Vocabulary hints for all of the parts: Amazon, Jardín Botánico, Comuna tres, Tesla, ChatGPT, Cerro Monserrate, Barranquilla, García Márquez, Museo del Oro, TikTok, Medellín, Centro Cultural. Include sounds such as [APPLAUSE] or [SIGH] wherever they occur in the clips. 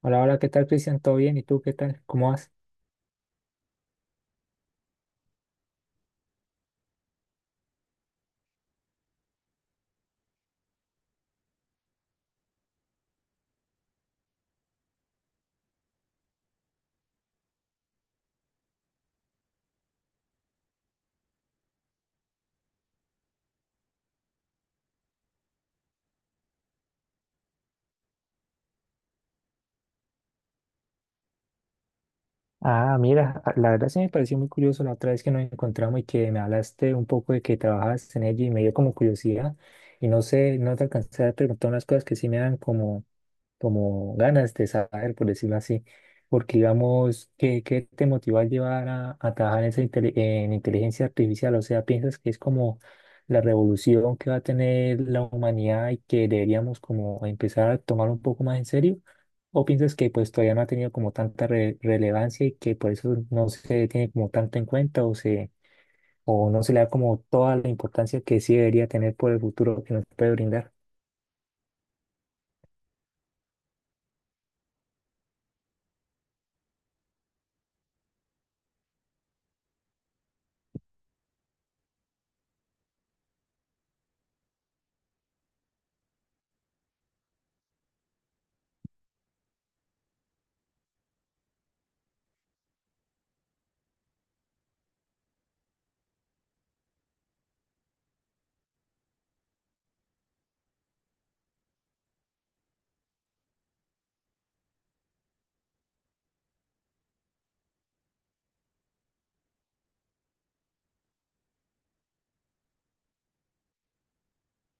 Hola, hola, ¿qué tal, Cristian? ¿Todo bien? ¿Y tú qué tal? ¿Cómo vas? Ah, mira, la verdad sí me pareció muy curioso la otra vez que nos encontramos y que me hablaste un poco de que trabajas en ello y me dio como curiosidad y no sé, no te alcancé a preguntar unas cosas que sí me dan como ganas de saber, por decirlo así. Porque, digamos, ¿qué te motiva a trabajar en, esa en inteligencia artificial? O sea, ¿piensas que es como la revolución que va a tener la humanidad y que deberíamos como empezar a tomar un poco más en serio? ¿O piensas que pues todavía no ha tenido como tanta relevancia y que por eso no se tiene como tanto en cuenta o no se le da como toda la importancia que sí debería tener por el futuro que nos puede brindar?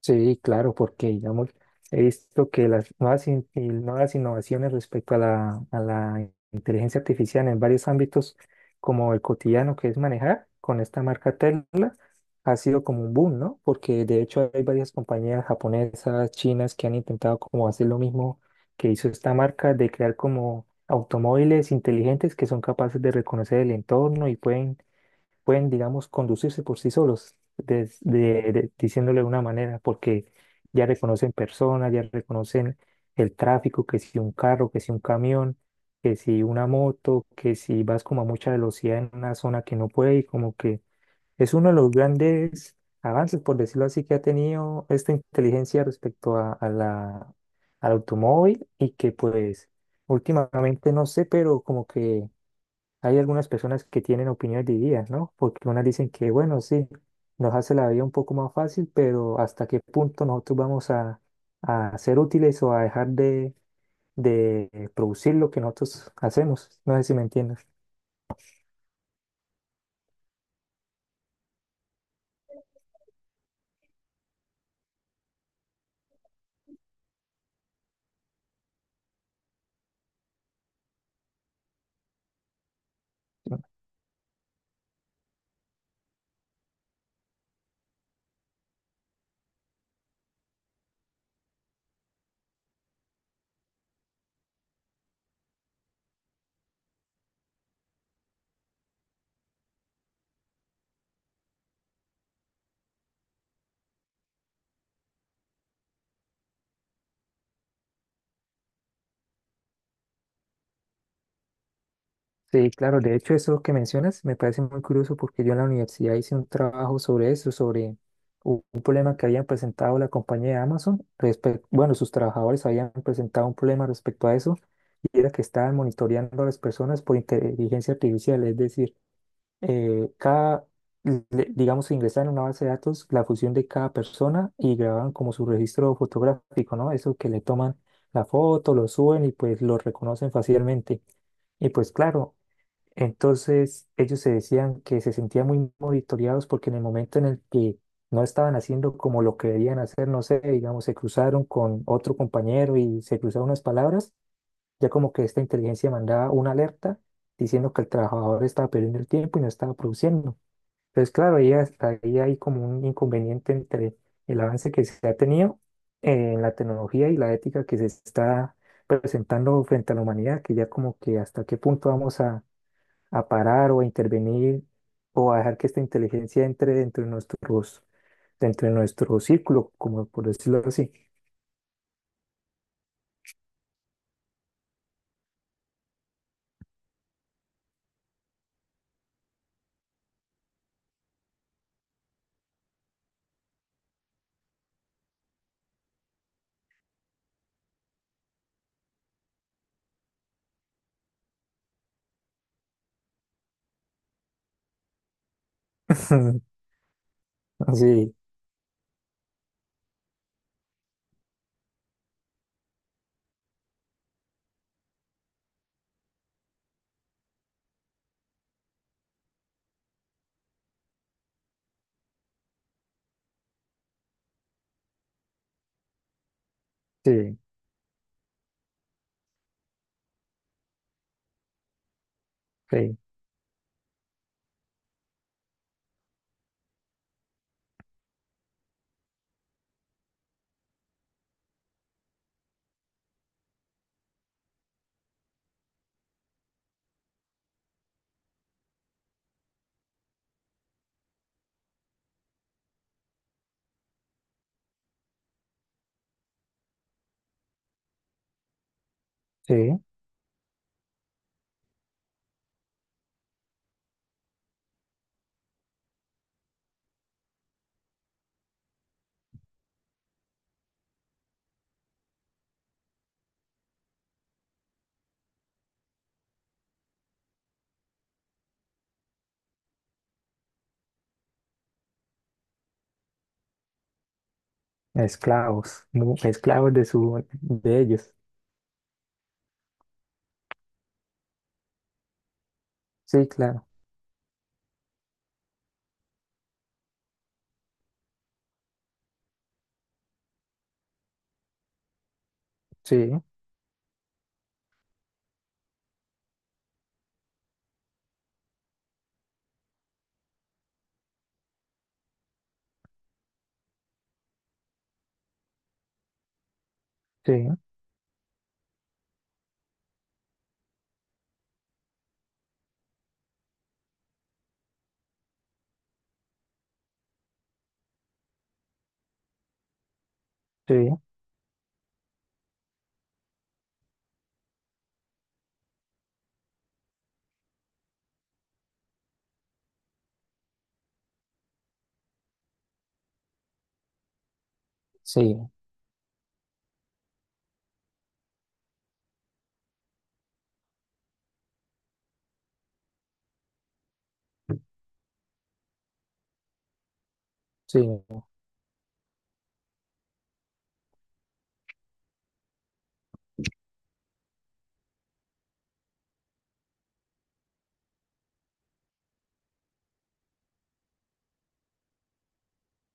Sí, claro, porque digamos, he visto que las nuevas, nuevas innovaciones respecto a la inteligencia artificial en varios ámbitos, como el cotidiano que es manejar con esta marca Tesla, ha sido como un boom, ¿no? Porque de hecho hay varias compañías japonesas, chinas, que han intentado como hacer lo mismo que hizo esta marca, de crear como automóviles inteligentes que son capaces de reconocer el entorno y pueden, digamos, conducirse por sí solos, diciéndole de una manera, porque ya reconocen personas, ya reconocen el tráfico, que si un carro, que si un camión, que si una moto, que si vas como a mucha velocidad en una zona que no puede, y como que es uno de los grandes avances, por decirlo así, que ha tenido esta inteligencia respecto a la, al automóvil y que pues últimamente no sé, pero como que hay algunas personas que tienen opiniones divididas, ¿no? Porque unas dicen que, bueno, sí, nos hace la vida un poco más fácil, pero ¿hasta qué punto nosotros vamos a ser útiles o a dejar de producir lo que nosotros hacemos? No sé si me entiendes. Sí, claro, de hecho eso que mencionas me parece muy curioso porque yo en la universidad hice un trabajo sobre eso, sobre un problema que habían presentado la compañía de Amazon, respecto, bueno, sus trabajadores habían presentado un problema respecto a eso y era que estaban monitoreando a las personas por inteligencia artificial, es decir, cada, le- digamos, ingresaban en una base de datos la fusión de cada persona y grababan como su registro fotográfico, ¿no? Eso que le toman la foto, lo suben y pues lo reconocen fácilmente. Y pues claro, entonces, ellos se decían que se sentían muy monitoreados porque en el momento en el que no estaban haciendo como lo que debían hacer, no sé, digamos, se cruzaron con otro compañero y se cruzaron unas palabras, ya como que esta inteligencia mandaba una alerta diciendo que el trabajador estaba perdiendo el tiempo y no estaba produciendo. Entonces, claro, ahí, ahí hay como un inconveniente entre el avance que se ha tenido en la tecnología y la ética que se está presentando frente a la humanidad, que ya como que hasta qué punto vamos a parar o a intervenir o a dejar que esta inteligencia entre dentro de nuestros, dentro de nuestro círculo, como por decirlo así. [LAUGHS] Sí, sí, sí, sí, esclavos, esclavos de su, de ellos. Sí, claro, sí, sí, sí, sí, sí,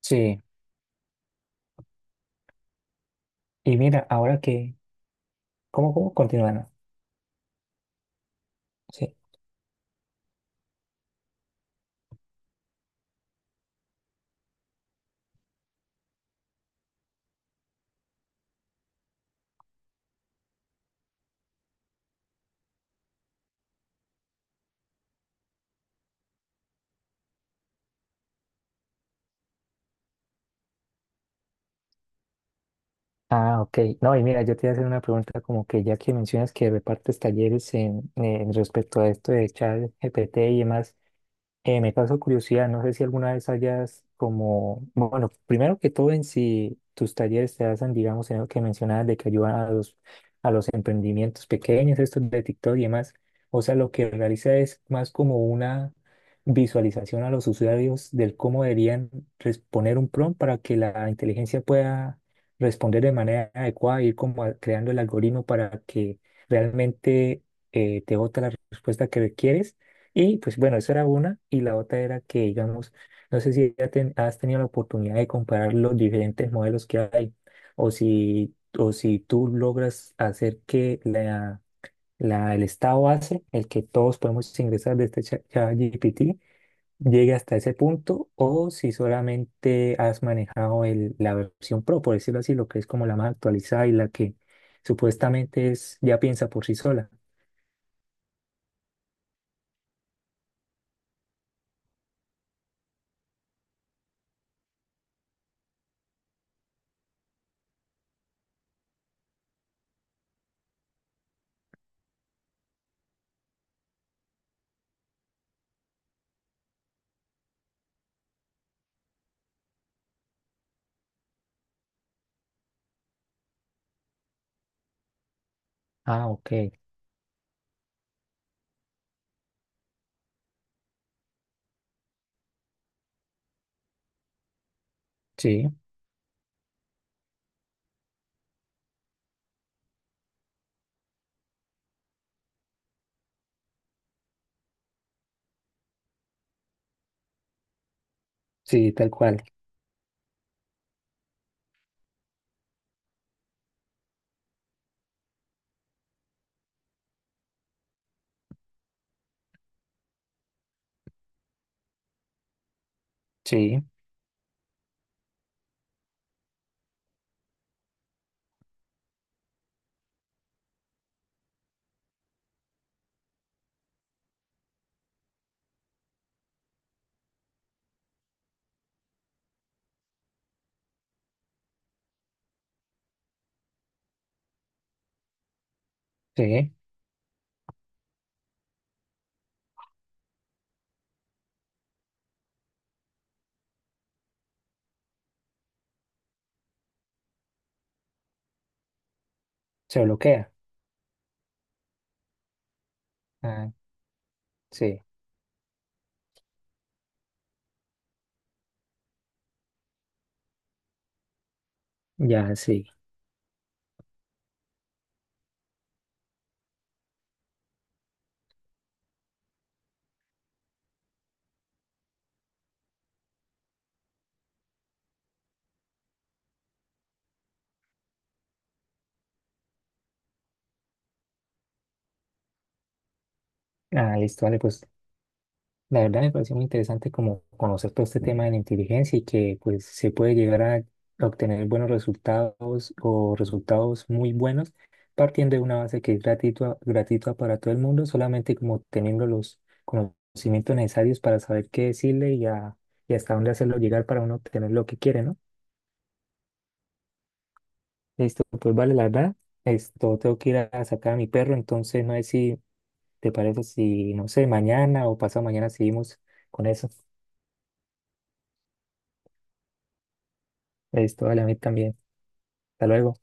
sí. Y mira, ahora que, ¿cómo, cómo continúan? Ah, ok. No, y mira, yo te iba a hacer una pregunta como que ya que mencionas que repartes talleres en respecto a esto de ChatGPT y demás, me causó curiosidad, no sé si alguna vez hayas como, bueno, primero que todo en si tus talleres te hacen, digamos, en lo que mencionabas de que ayudan a los emprendimientos pequeños, estos de TikTok y demás, o sea, lo que realiza es más como una visualización a los usuarios del cómo deberían responder un prompt para que la inteligencia pueda responder de manera adecuada, ir como creando el algoritmo para que realmente te bote la respuesta que requieres y pues bueno, esa era una. Y la otra era que, digamos, no sé si ya has tenido la oportunidad de comparar los diferentes modelos que hay o si tú logras hacer que la, el estado base, el que todos podemos ingresar de este chat GPT llegue hasta ese punto o si solamente has manejado el, la versión Pro, por decirlo así, lo que es como la más actualizada y la que supuestamente es, ya piensa por sí sola. Ah, ok. Sí, sí, tal cual. Sí. Sí, se bloquea. Ah, sí, ya sí. Ah, listo, vale, pues la verdad me pareció muy interesante como conocer todo este tema de la inteligencia y que pues se puede llegar a obtener buenos resultados o resultados muy buenos partiendo de una base que es gratuita, gratuita para todo el mundo, solamente como teniendo los conocimientos necesarios para saber qué decirle y hasta dónde hacerlo llegar para uno obtener lo que quiere, ¿no? Listo, pues vale, la verdad. Esto tengo que ir a sacar a mi perro, entonces no sé si ¿te parece si, no sé, mañana o pasado mañana seguimos con eso? Listo, vale, a mí también. Hasta luego.